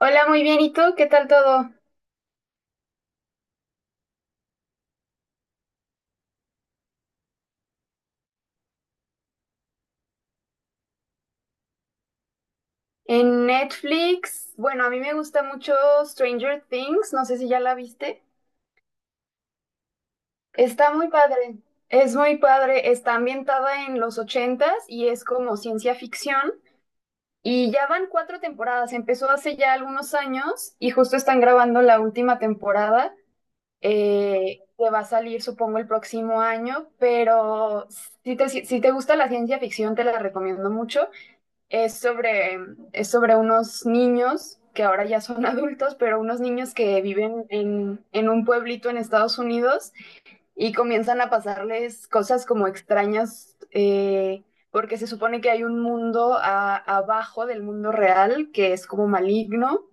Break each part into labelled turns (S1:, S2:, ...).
S1: Hola, muy bien. ¿Y tú? ¿Qué tal todo? En Netflix, bueno, a mí me gusta mucho Stranger Things, no sé si ya la viste. Está muy padre, es muy padre. Está ambientada en los ochentas y es como ciencia ficción. Y ya van cuatro temporadas, empezó hace ya algunos años y justo están grabando la última temporada. Que va a salir, supongo, el próximo año, pero si te gusta la ciencia ficción, te la recomiendo mucho. Es sobre, es sobre unos niños que ahora ya son adultos, pero unos niños que viven en un pueblito en Estados Unidos y comienzan a pasarles cosas como extrañas, porque se supone que hay un mundo abajo del mundo real que es como maligno.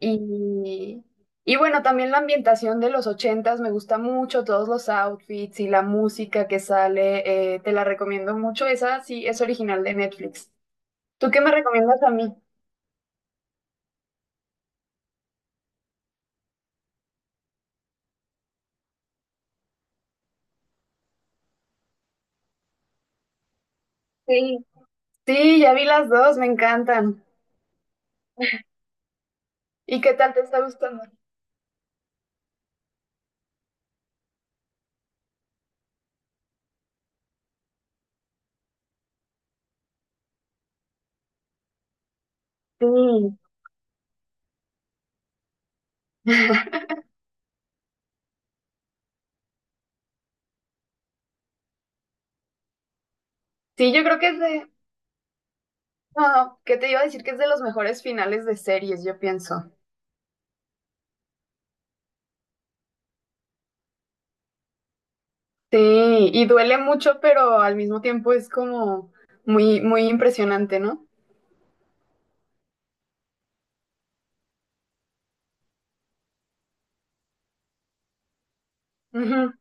S1: Y, y bueno, también la ambientación de los ochentas me gusta mucho, todos los outfits y la música que sale, te la recomiendo mucho. Esa sí es original de Netflix. ¿Tú qué me recomiendas a mí? Sí, sí, ya vi las dos, me encantan. ¿Y qué tal te está gustando? Sí. Sí, yo creo que es de... No, ¿qué te iba a decir? Que es de los mejores finales de series, yo pienso. Sí, y duele mucho, pero al mismo tiempo es como muy, muy impresionante, ¿no? Ujú.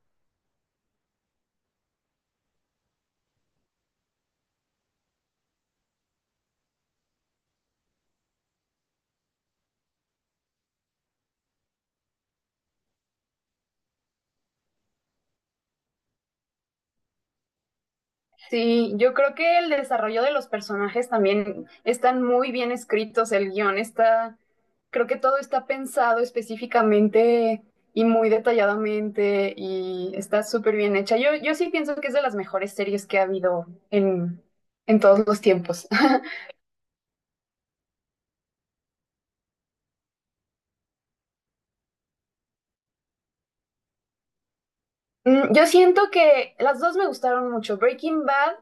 S1: Sí, yo creo que el desarrollo de los personajes también están muy bien escritos, el guión está, creo que todo está pensado específicamente y muy detalladamente y está súper bien hecha. Yo sí pienso que es de las mejores series que ha habido en todos los tiempos. Yo siento que las dos me gustaron mucho. Breaking Bad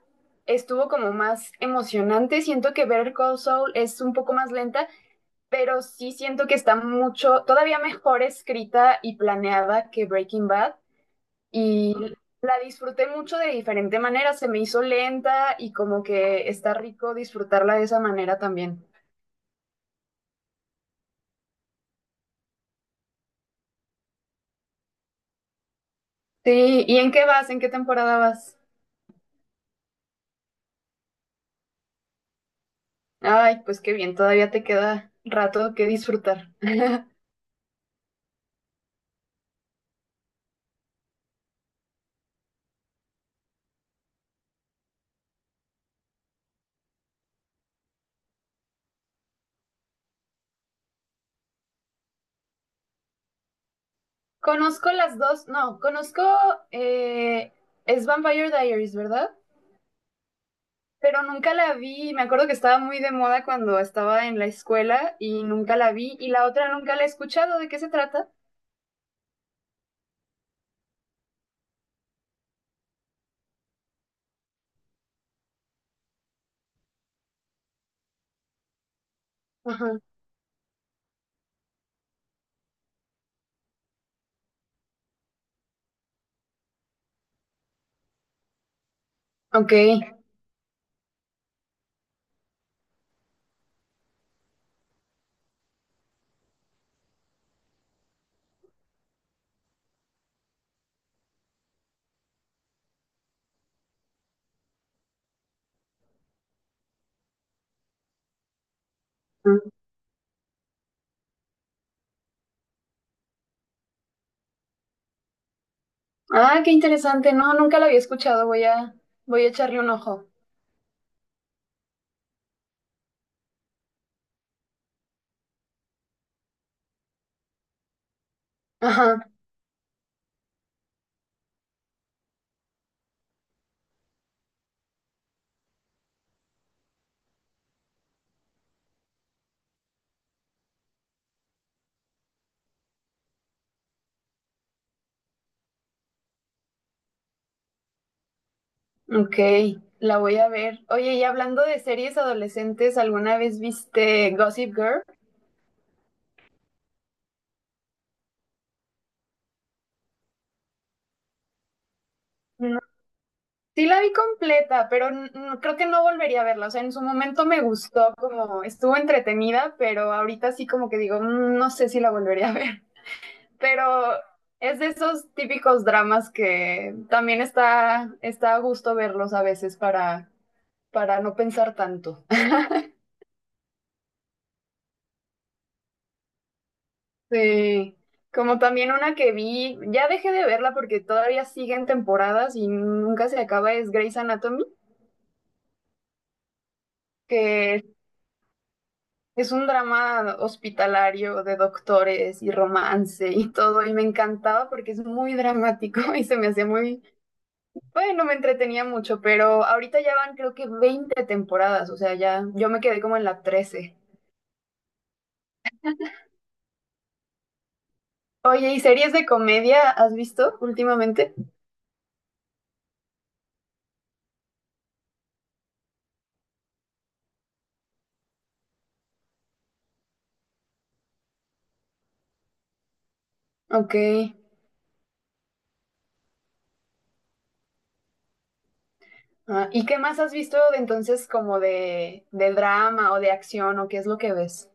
S1: estuvo como más emocionante. Siento que Better Call Saul es un poco más lenta, pero sí siento que está mucho, todavía mejor escrita y planeada que Breaking Bad y la disfruté mucho de diferente manera, se me hizo lenta y como que está rico disfrutarla de esa manera también. Sí, ¿y en qué vas? ¿En qué temporada vas? Ay, pues qué bien, todavía te queda rato que disfrutar. Conozco las dos, no, conozco, eh, es Vampire Diaries, ¿verdad? Pero nunca la vi. Me acuerdo que estaba muy de moda cuando estaba en la escuela y nunca la vi. Y la otra nunca la he escuchado. ¿De qué se trata? Ajá. Ok. Ah, qué interesante. No, nunca la había escuchado. Voy a echarle un ojo. Ajá. Ok. La voy a ver. Oye, y hablando de series adolescentes, ¿alguna vez viste Gossip Girl? No. Sí la vi completa, pero creo que no volvería a verla. O sea, en su momento me gustó, como estuvo entretenida, pero ahorita sí como que digo, "Mm, no sé si la volvería a ver. Pero es de esos típicos dramas que también está a gusto verlos a veces para no pensar tanto." Sí. Como también una que vi, ya dejé de verla porque todavía siguen temporadas y nunca se acaba, es Grey's Anatomy, que es un drama hospitalario de doctores y romance y todo, y me encantaba porque es muy dramático y se me hacía muy... Bueno, me entretenía mucho, pero ahorita ya van creo que 20 temporadas, o sea, ya yo me quedé como en la 13. Oye, ¿y series de comedia has visto últimamente? Ok. Ah, ¿y qué más has visto de entonces como de drama o de acción o qué es lo que ves?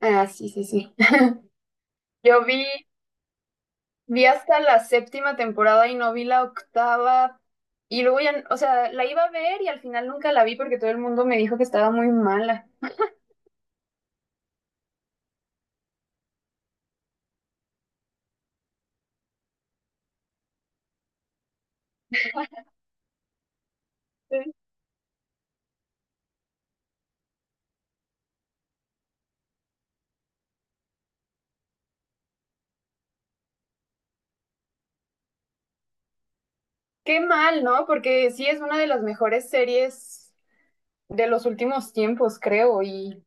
S1: Ah, sí, sí, sí. Yo vi hasta la séptima temporada y no vi la octava. Y luego ya, o sea, la iba a ver y al final nunca la vi porque todo el mundo me dijo que estaba muy mala. Qué mal, ¿no? Porque sí es una de las mejores series de los últimos tiempos, creo. ¿Y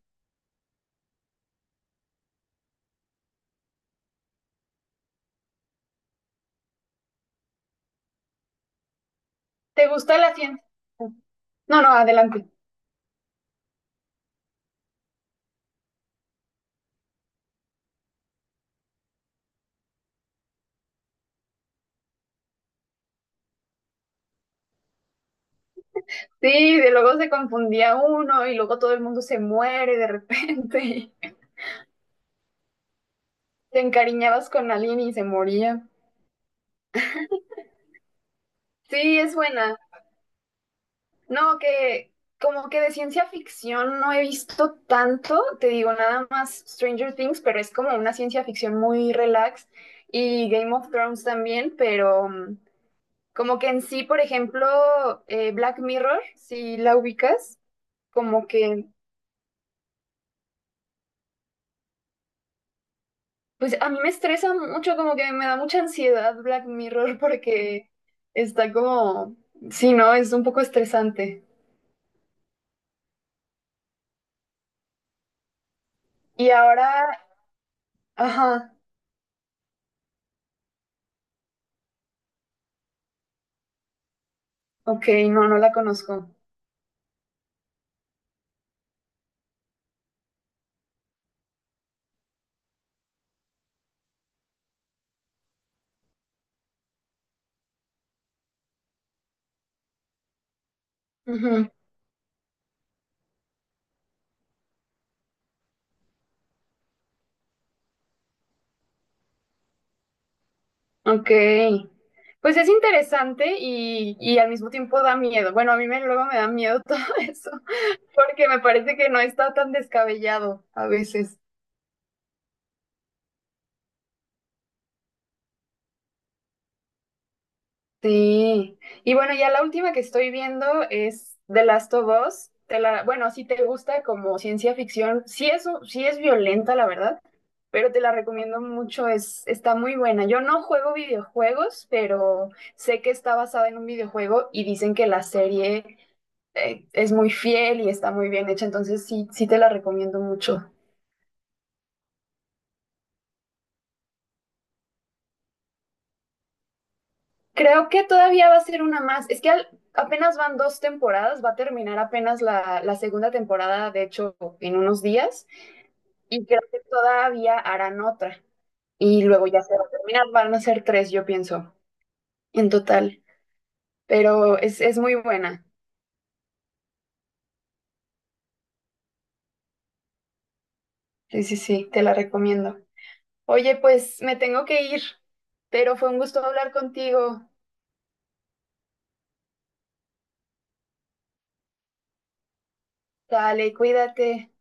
S1: te gusta la ciencia? No, no, adelante. Sí, de luego se confundía uno y luego todo el mundo se muere de repente. Y te encariñabas con alguien y se moría. Sí, es buena. No, que como que de ciencia ficción no he visto tanto, te digo nada más Stranger Things, pero es como una ciencia ficción muy relax y Game of Thrones también, pero como que en sí, por ejemplo, Black Mirror, si la ubicas, como que, pues a mí me estresa mucho, como que me da mucha ansiedad Black Mirror porque está como, sí, ¿no? Es un poco estresante. Y ahora, ajá, ok, no, no la conozco. Ujú, ok. Pues es interesante y al mismo tiempo da miedo. Bueno, a mí me, luego me da miedo todo eso, porque me parece que no está tan descabellado a veces. Sí, y bueno, ya la última que estoy viendo es The Last of Us. Te la, bueno, si te gusta como ciencia ficción, sí es, sí es violenta, la verdad, pero te la recomiendo mucho, es, está muy buena. Yo no juego videojuegos, pero sé que está basada en un videojuego y dicen que la serie es muy fiel y está muy bien hecha, entonces sí, sí te la recomiendo mucho. Creo que todavía va a ser una más. Es que apenas van dos temporadas, va a terminar apenas la segunda temporada, de hecho, en unos días, y creo que todavía harán otra. Y luego ya se va a terminar, van a ser tres, yo pienso, en total. Pero es muy buena. Sí, sí, sí, te la recomiendo. Oye, pues me tengo que ir, pero fue un gusto hablar contigo. Dale, cuídate.